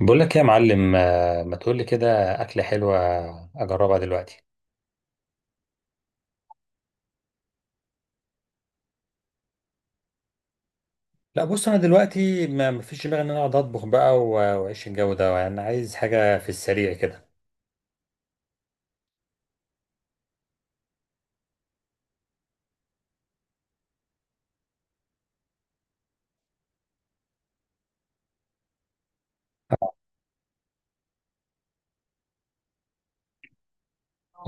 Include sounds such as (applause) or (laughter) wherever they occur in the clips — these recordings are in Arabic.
بقول لك إيه يا معلم، ما تقول لي كده. اكله حلوه. اجربها دلوقتي. لا، بص انا دلوقتي ما فيش دماغي ان انا اقعد اطبخ بقى واعيش الجو ده. انا عايز حاجه في السريع كده.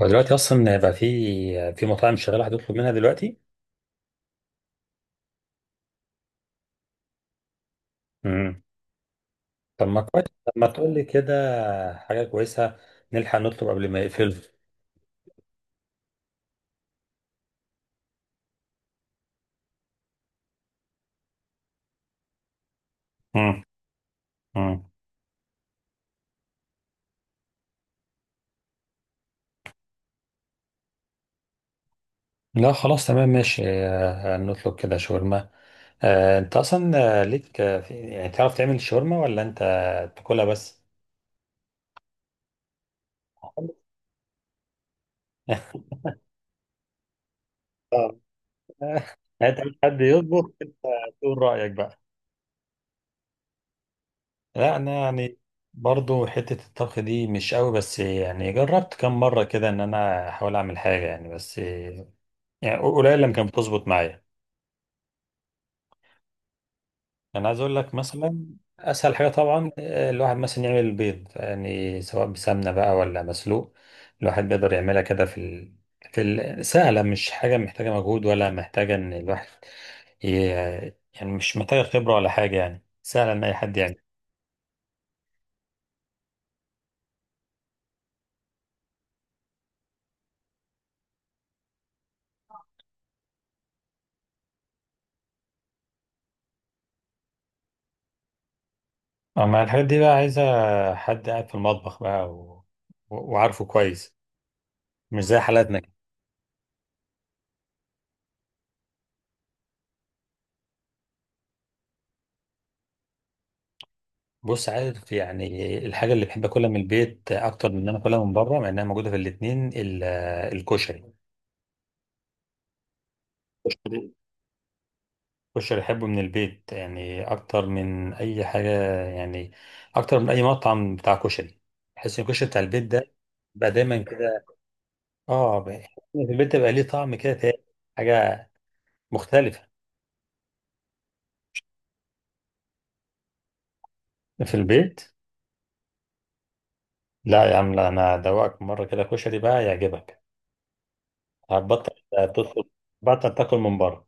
ودلوقتي اصلا بقى في مطاعم شغاله، هتطلب منها دلوقتي. امم. طب ما كويس، طب ما تقول لي كده. حاجه كويسه، نلحق نطلب قبل ما يقفلوا. امم، امم. لا خلاص تمام ماشي، نطلب كده شاورما. انت اصلا ليك يعني تعرف تعمل شاورما ولا انت تاكلها بس؟ اه. (laughs) انت مش حد يطبخ انت، تقول رايك بقى. لا انا يعني برضو حته الطبخ دي مش قوي، بس يعني جربت كم مره كده ان انا احاول اعمل حاجه يعني، بس يعني قليل لما كانت بتظبط معايا. انا عايز اقول لك مثلا، اسهل حاجه طبعا الواحد مثلا يعمل البيض، يعني سواء بسمنه بقى ولا مسلوق. الواحد بيقدر يعملها كده سهله، مش حاجه محتاجه مجهود ولا محتاجه ان الواحد ي... يعني مش محتاجه خبره ولا حاجه، يعني سهله ان اي حد يعمل. اما الحاجات دي بقى عايزه حد قاعد في المطبخ بقى وعارفه كويس. مش زي حالاتنا كده. بص عارف، يعني الحاجه اللي بحب اكلها من البيت اكتر من ان انا اكلها من بره، مع انها موجوده في الاتنين، الكشري. كشري يحبه من البيت، يعني اكتر من اي حاجه، يعني اكتر من اي مطعم بتاع كشري. بحس ان الكشري بتاع البيت ده بقى دايما كده. اه، بحس إن في البيت ده بقى ليه طعم كده تاني، حاجه مختلفه في البيت. لا يا عم، لا انا ادوقك مره كده كشري بقى يعجبك، هتبطل تطلب، بطل تاكل من بره.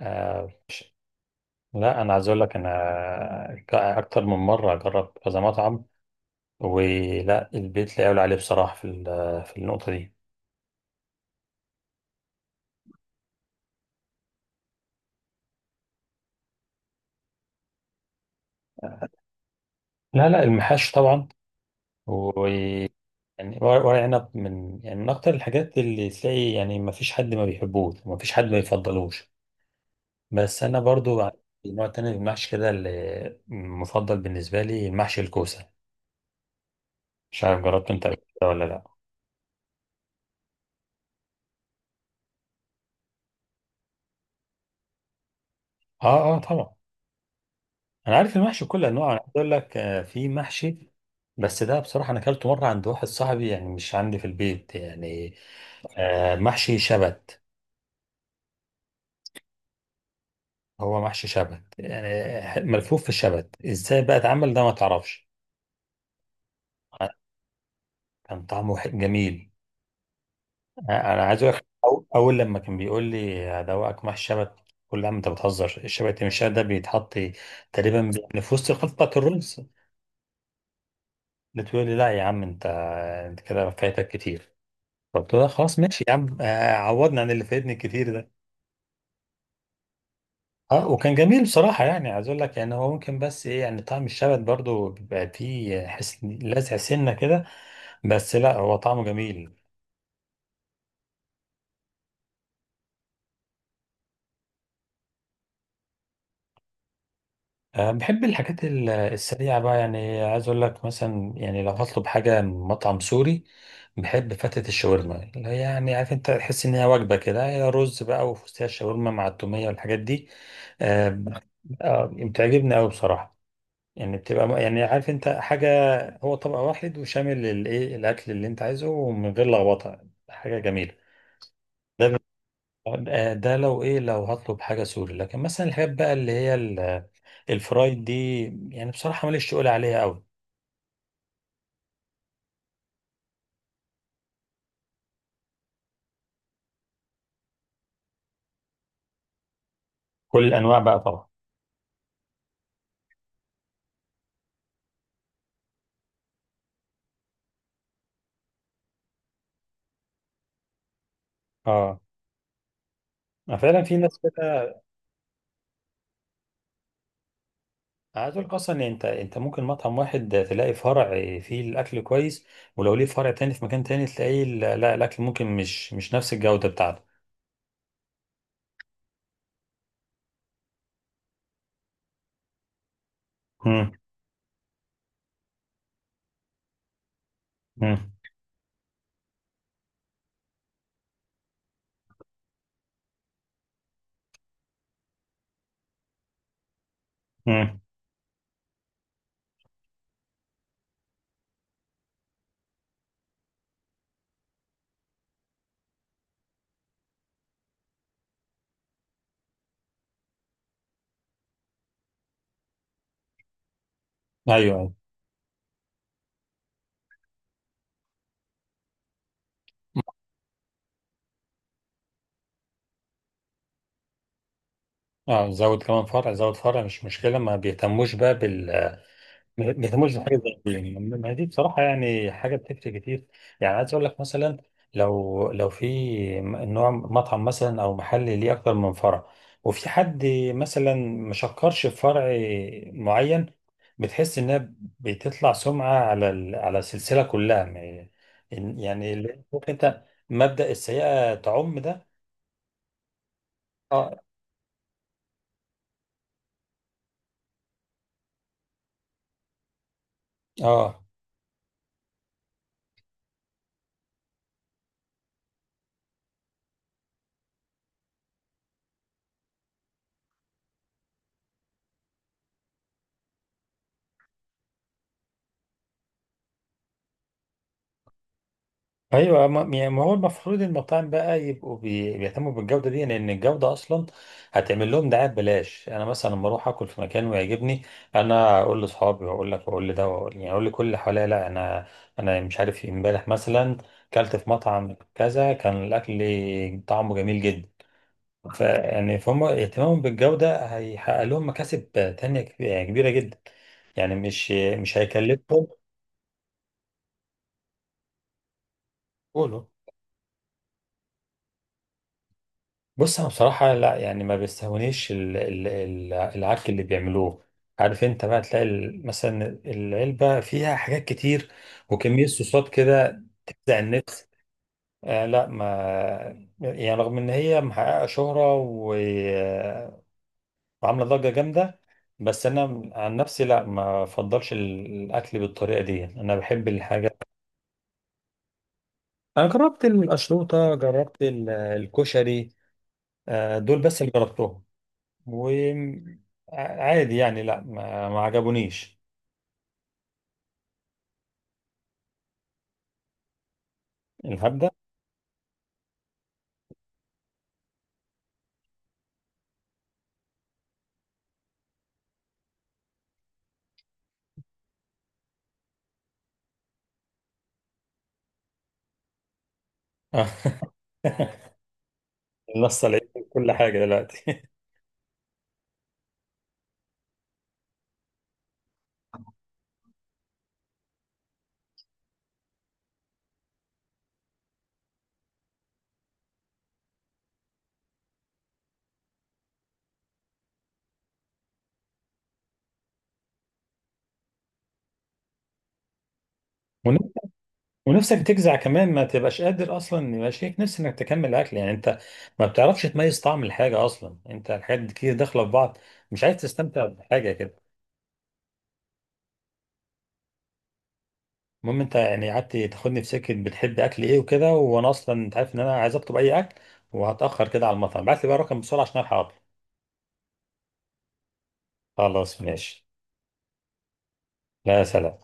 آه، لا انا عايز اقول لك انا اكتر من مره اجرب كذا مطعم، ولا البيت لا يعلى عليه بصراحه، في النقطه دي. لا، لا، المحاش طبعا، ويعني ورق عنب من، يعني من اكتر الحاجات اللي تلاقي، يعني ما فيش حد ما بيحبوش وما فيش حد ما يفضلوش. بس انا برضو عندي نوع تاني من المحشي كده اللي مفضل بالنسبه لي، المحشي الكوسه. مش عارف جربته انت قبل كده ولا لا؟ اه، اه، طبعا، انا عارف المحشي كل انواعه. انا عايز اقول لك في محشي، بس ده بصراحه انا اكلته مره عند واحد صاحبي، يعني مش عندي في البيت يعني، محشي شبت. هو محشي شبت، يعني ملفوف في الشبت، ازاي بقى اتعمل ده ما تعرفش. كان طعمه جميل. انا عايز اقول لك، اول لما كان بيقول لي هدوقك محشي شبت، كل عم انت بتهزر، الشبت مش ده بيتحط تقريبا في وسط الخلطه بتاعت الرز؟ بتقول لي لا يا عم انت كده فايتك كتير. فقلت لها خلاص ماشي يا عم، عوضني عن اللي فايتني كتير ده. اه، وكان جميل بصراحة، يعني عايز اقول لك يعني هو ممكن، بس ايه، يعني طعم الشبت برضو بيبقى فيه حس لازع سنة كده، بس لا هو طعمه جميل. أه، بحب الحاجات السريعة بقى، يعني عايز اقول لك مثلا، يعني لو هطلب حاجة من مطعم سوري، بحب فتة الشاورما، اللي هي يعني عارف انت، تحس ان هي وجبة كده، هي رز بقى وفستق الشاورما مع التومية والحاجات دي. أه. بتعجبني قوي بصراحة. يعني بتبقى يعني عارف انت حاجة، هو طبق واحد وشامل الايه الاكل اللي انت عايزه ومن غير لخبطة، حاجة جميلة. ده ب- ده لو ايه لو هطلب حاجة سوري. لكن مثلا الحاجات بقى اللي هي الفرايد دي، يعني بصراحة ماليش تقول عليها قوي. كل الانواع بقى طبعا. اه، فعلا في ناس كده. عايز اقول لك اصلا ان انت ممكن مطعم واحد تلاقي فرع فيه الاكل كويس، ولو ليه فرع تاني في مكان تاني تلاقيه لا، لا، الاكل ممكن مش نفس الجودة بتاعته. مم. مم. مم. ايوه. اه، زود كمان فرع، زود فرع مش مشكله، ما بيهتموش بحاجه زي دي. يعني ما هي دي بصراحه يعني حاجه بتفرق كتير. يعني عايز اقول لك مثلا، لو في نوع مطعم مثلا او محل ليه اكتر من فرع، وفي حد مثلا ما شكرش في فرع معين، بتحس انها بتطلع سمعه على السلسله كلها، يعني عارف انت، مبدأ السيئه تعم ده. اه، اه، ايوه، ما يعني ما هو المفروض المطاعم بقى يبقوا بيهتموا بالجوده دي، لان الجوده اصلا هتعمل لهم دعايه ببلاش. انا مثلا لما اروح اكل في مكان ويعجبني، انا اقول لاصحابي، واقول لك، واقول لده، واقول يعني اقول لكل اللي حواليا: لا انا مش عارف إيه، امبارح مثلا كلت في مطعم كذا، كان الاكل طعمه جميل جدا. فيعني فهم اهتمامهم بالجوده هيحقق لهم مكاسب تانيه يعني كبيره جدا، يعني مش هيكلفهم. قولوا. بص انا بصراحه لا، يعني ما بيستهونيش العك اللي بيعملوه. عارف انت بقى تلاقي مثلا العلبه فيها حاجات كتير، وكميه صوصات كده تفزع النفس. آه، لا، ما، يعني رغم ان هي محققه شهره وعامله ضجه جامده، بس انا عن نفسي لا، ما بفضلش الاكل بالطريقه دي، انا بحب الحاجه. انا جربت القشروطه، جربت الكشري، دول بس اللي جربتهم. وعادي يعني، لا، ما عجبونيش. الهبدة. (laughs) النص العيب في كل حاجة دلوقتي. (laughs) ون- ونفسك تجزع كمان، ما تبقاش قادر أصلا، يبقى شايف نفسك إنك تكمل الأكل. يعني أنت ما بتعرفش تميز طعم الحاجة أصلا، أنت الحاجات دي كتير داخلة في بعض، مش عايز تستمتع بحاجة كده. المهم أنت يعني قعدت تاخدني في سكة بتحب أكل إيه وكده، وأنا أصلا أنت عارف إن أنا عايز أطلب أي أكل، وهتأخر كده على المطعم. بعت لي بقى رقم بسرعة عشان ألحق أطلب. خلاص ماشي. لا، سلام.